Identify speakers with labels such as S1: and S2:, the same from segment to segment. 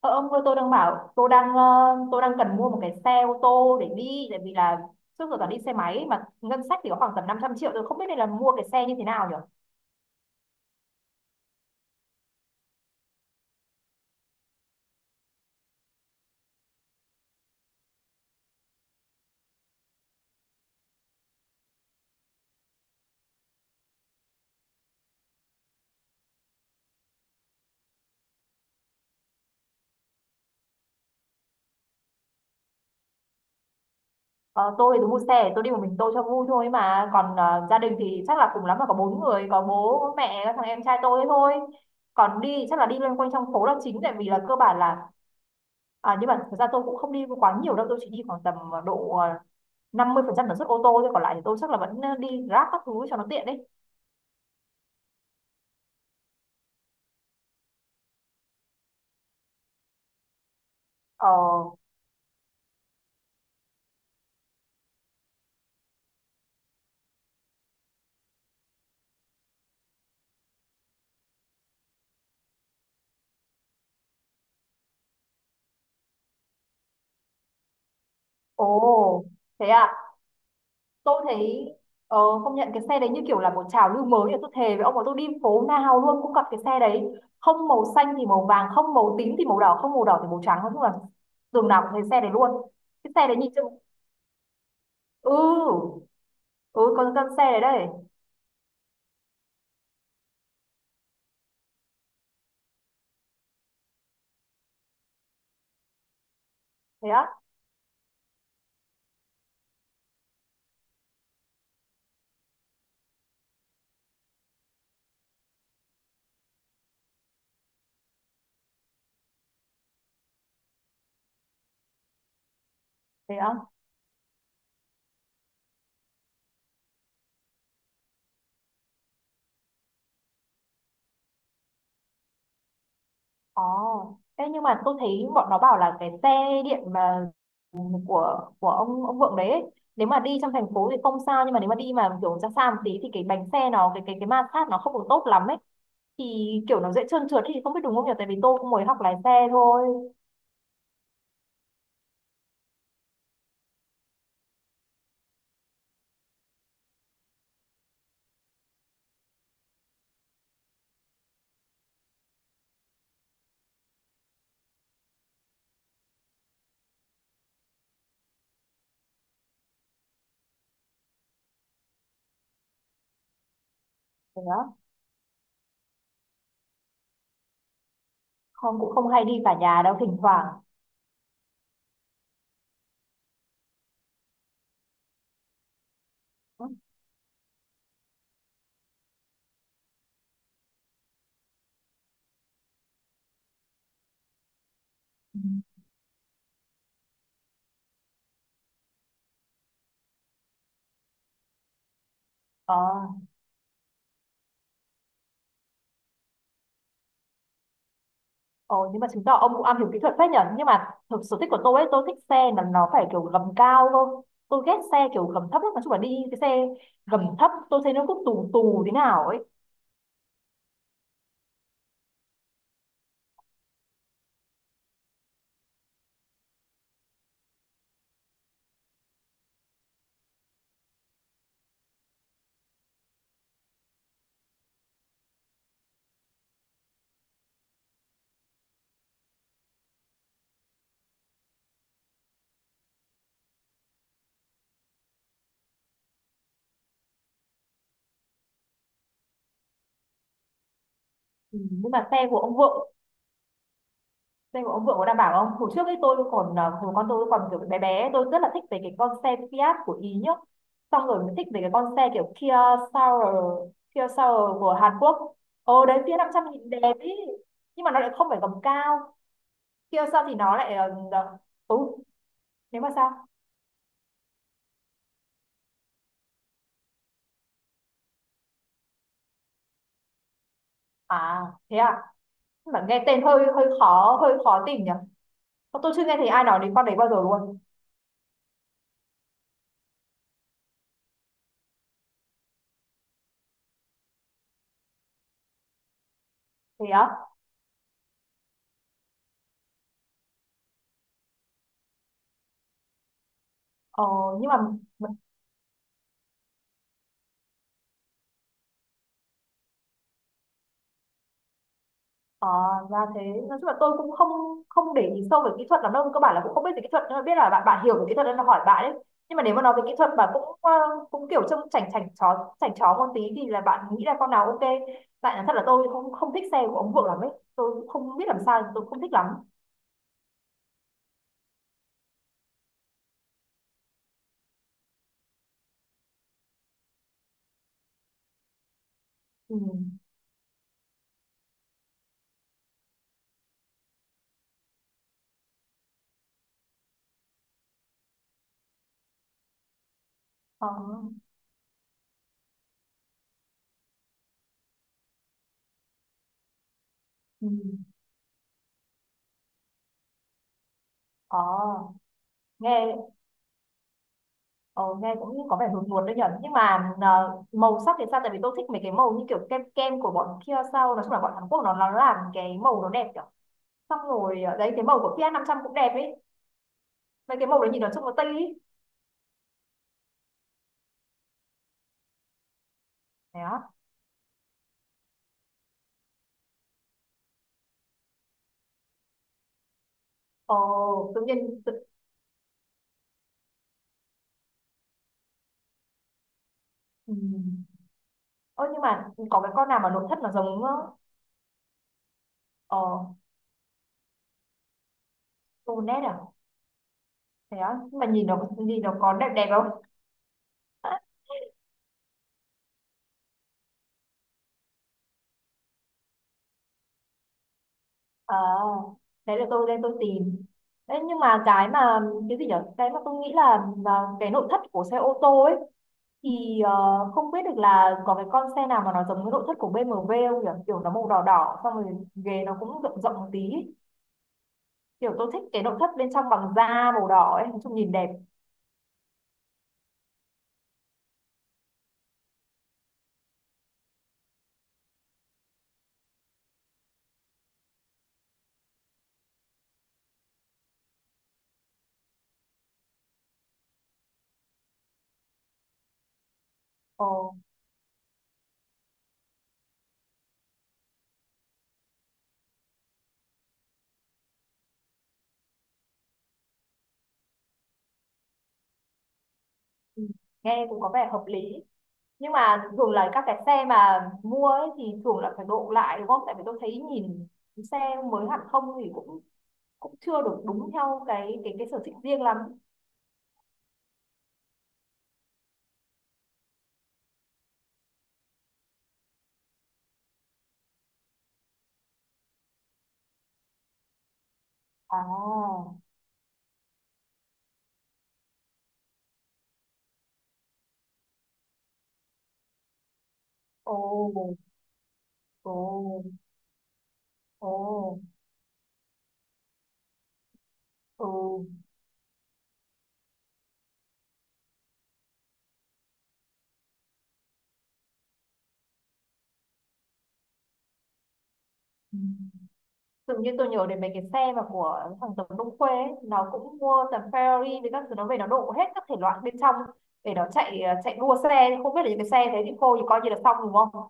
S1: Ờ, ông ơi, tôi đang bảo tôi đang ờ, tôi đang cần mua một cái xe ô tô để đi, tại vì là trước giờ toàn đi xe máy, mà ngân sách thì có khoảng tầm 500 triệu. Tôi không biết nên là mua cái xe như thế nào nhỉ? Ờ, tôi thì tôi mua xe tôi đi một mình tôi cho vui thôi, mà còn gia đình thì chắc là cùng lắm là có 4 người, có bố, có mẹ, có thằng em trai tôi ấy thôi. Còn đi chắc là đi loanh quanh trong phố là chính, tại vì là cơ bản là à, nhưng mà thật ra tôi cũng không đi quá nhiều đâu, tôi chỉ đi khoảng tầm độ 50% tần suất ô tô thôi, còn lại thì tôi chắc là vẫn đi Grab các thứ cho nó tiện đấy. Ờ. Ồ, thế à. Tôi thấy ờ, công nhận cái xe đấy như kiểu là một trào lưu mới, thì tôi thề với ông mà tôi đi phố nào luôn cũng gặp cái xe đấy. Không màu xanh thì màu vàng, không màu tím thì màu đỏ, không màu đỏ thì màu trắng, nói chung là đường nào cũng thấy xe đấy luôn. Cái xe đấy nhìn chung. Ừ. Ừ. Con xe đấy đây. Thế á? Thế á? Ồ, thế nhưng mà tôi thấy bọn nó bảo là cái xe điện mà của ông Vượng đấy ấy, nếu mà đi trong thành phố thì không sao, nhưng mà nếu mà đi mà kiểu ra xa một tí thì cái bánh xe nó, cái ma sát nó không được tốt lắm ấy, thì kiểu nó dễ trơn trượt ấy, thì không biết đúng không nhỉ, tại vì tôi cũng mới học lái xe thôi. Thế đó. Không, cũng không hay đi cả nhà đâu, thỉnh thoảng. Ừ. Ờ. Ồ, nhưng mà chứng tỏ ông cũng am hiểu kỹ thuật phết nhở. Nhưng mà thực sở thích của tôi ấy, tôi thích xe là nó phải kiểu gầm cao cơ. Tôi ghét xe kiểu gầm thấp lắm, nói chung là đi cái xe gầm thấp tôi thấy nó cứ tù tù thế nào ấy. Ừ, nhưng mà xe của ông vợ có đảm bảo không? Hồi trước ấy hồi con tôi còn kiểu bé bé, tôi rất là thích về cái con xe Fiat của Ý nhá. Xong rồi mình thích về cái con xe kiểu Soul Kia Soul của Hàn Quốc. Ồ, đấy Fiat 500 nhìn đẹp ý, nhưng mà nó lại không phải gầm cao. Kia Soul thì nó lại tối. Nếu mà sao? À, thế à. Mà nghe tên hơi hơi khó tìm nhỉ. Ờ, tôi chưa nghe thấy ai nói đến con đấy bao giờ luôn. Thế á. ờ, nhưng mà ờ, ra thế. Nói chung là tôi cũng không không để ý sâu về kỹ thuật lắm đâu, cơ bản là cũng không biết về kỹ thuật, nhưng mà biết là bạn bạn hiểu về kỹ thuật nên là hỏi bạn đấy. Nhưng mà nếu mà nói về kỹ thuật mà cũng cũng kiểu trông chảnh chảnh chó một tí thì là bạn nghĩ là con nào ok? Tại là thật là tôi không không thích xe của ông Vượng lắm ấy, tôi cũng không biết làm sao tôi không thích lắm. Ừ. Ờ. Ừ. Ờ, nghe Ờ, Nghe cũng như có vẻ hướng nguồn đấy nhở, nhưng mà màu sắc thì sao? Tại vì tôi thích mấy cái màu như kiểu kem kem của bọn kia sau, nói chung là bọn Hàn Quốc nó làm cái màu nó đẹp kiểu, xong rồi đấy cái màu của Kia trăm cũng đẹp ấy. Mấy cái màu đấy nhìn nó trông nó tây ấy. Đấy á. Ờ, tự nhiên tự... Ừ. Ơ, nhưng mà có cái con nào mà nội thất nó giống? Ờ. Tonet à? Thế á? Nhưng mà nhìn nó có đẹp đẹp không? Ờ, đấy là tôi lên tôi tìm. Đấy, nhưng mà cái gì nhở? Cái mà tôi nghĩ là cái nội thất của xe ô tô ấy, thì không biết được là có cái con xe nào mà nó giống cái nội thất của BMW không nhỉ? Kiểu nó màu đỏ đỏ, xong rồi ghế nó cũng rộng rộng một tí ấy. Kiểu tôi thích cái nội thất bên trong bằng da màu đỏ ấy, nói chung nhìn đẹp. Ồ. Ừ, nghe cũng có vẻ hợp lý. Nhưng mà thường là các cái xe mà mua ấy thì thường là phải độ lại đúng không? Tại vì tôi thấy nhìn xe mới hẳn không thì cũng cũng chưa được đúng theo cái sở thích riêng lắm. À. Ồ. Ồ. Ồ. Ừ. Ừ. Dường như tôi nhớ đến mấy cái xe mà của thằng Tống Đông Khuê ấy, nó cũng mua tầm Ferrari với các thứ, nó về nó đổ hết các thể loại bên trong để nó chạy đua xe, không biết là những cái xe thế thì cô thì coi như là xong đúng không?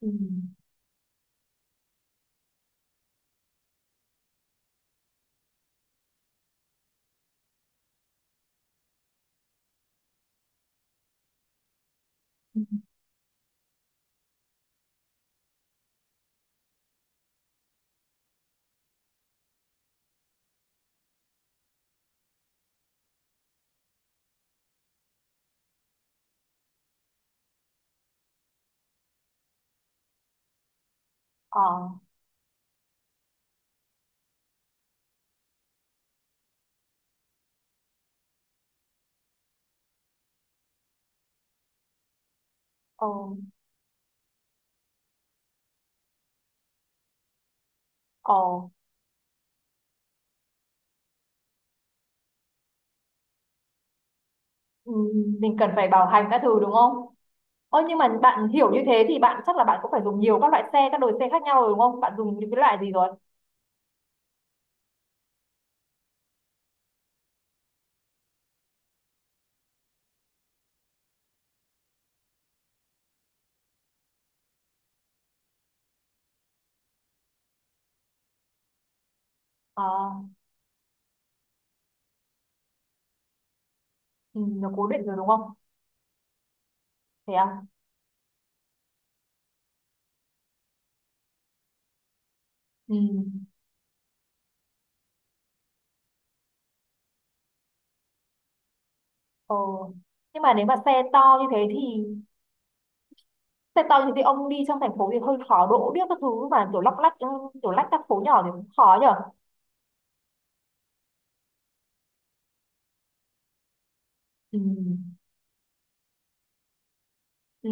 S1: Ừ. Ừ. Ờ, ờ, ờ, ừ. Mình cần phải bảo hành các thứ đúng không? Ơ, nhưng mà bạn hiểu như thế thì bạn chắc là bạn cũng phải dùng nhiều các loại xe, các đồi xe khác nhau rồi đúng không? Bạn dùng những cái loại gì rồi? À, ừ, nó cố định rồi đúng không? Thế à? Ừ. Ờ. Nhưng mà nếu mà xe to như thế ông đi trong thành phố thì hơi khó đỗ biết các thứ, mà kiểu lóc lách, ừ, kiểu lách các phố nhỏ thì cũng khó nhở? Ừ. Ừ.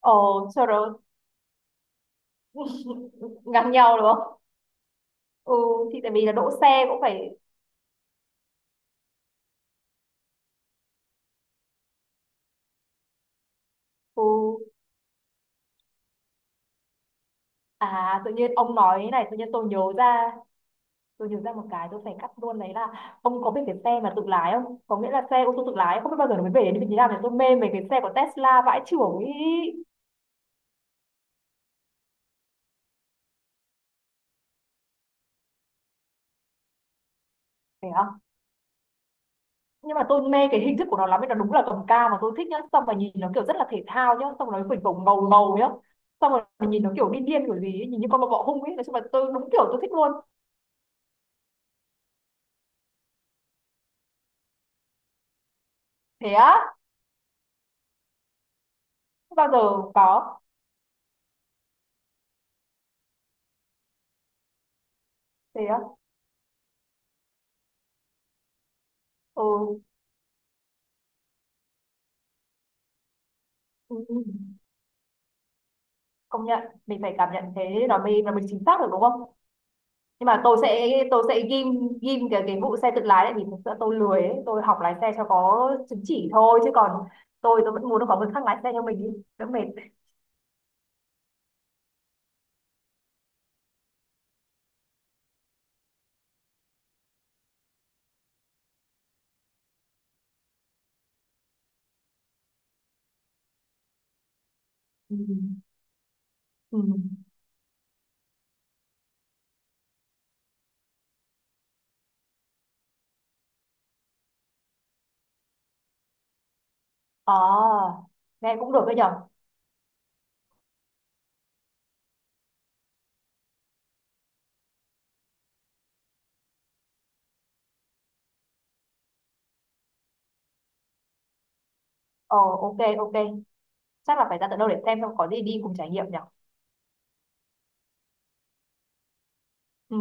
S1: Ờ, sau đó. Ngang nhau đúng không? Ừ, thì tại vì là đỗ xe cũng phải. Ừ. À, tự nhiên ông nói thế này tự nhiên tôi nhớ ra. Tôi nhớ ra một cái tôi phải cắt luôn, đấy là ông có biết cái xe mà tự lái không? Có nghĩa là xe ô tô tự lái, không biết bao giờ nó mới về đến vị trí nào, thì tôi mê mấy cái xe của Tesla vãi chưởng ý. Phải không? Nhưng mà tôi mê cái hình thức của nó lắm ấy, nó đúng là cầm cao mà tôi thích nhá, xong rồi nhìn nó kiểu rất là thể thao nhá, xong rồi nó phình phồng ngầu ngầu nhá. Xong rồi nhìn nó kiểu điên điên kiểu gì ấy, nhìn như con bọ bọ hung ấy, nói chung là tôi đúng kiểu tôi thích luôn. Thế á? Không bao giờ có. Thế á? Ừ. Ừ. Ừ. Công nhận, mình phải cảm nhận thế nó mới chính xác được đúng không? Nhưng mà tôi sẽ ghim ghim cái vụ xe tự lái lại, vì thực sự tôi lười ấy. Tôi học lái xe cho có chứng chỉ thôi chứ còn tôi vẫn muốn có người khác lái xe cho mình đi đỡ mệt. Ừ. Ừ. Ờ, nghe cũng được đấy nhở. Ờ, ok ok, chắc là phải ra tận đâu để xem xong có gì đi cùng trải nghiệm nhở. Ừ.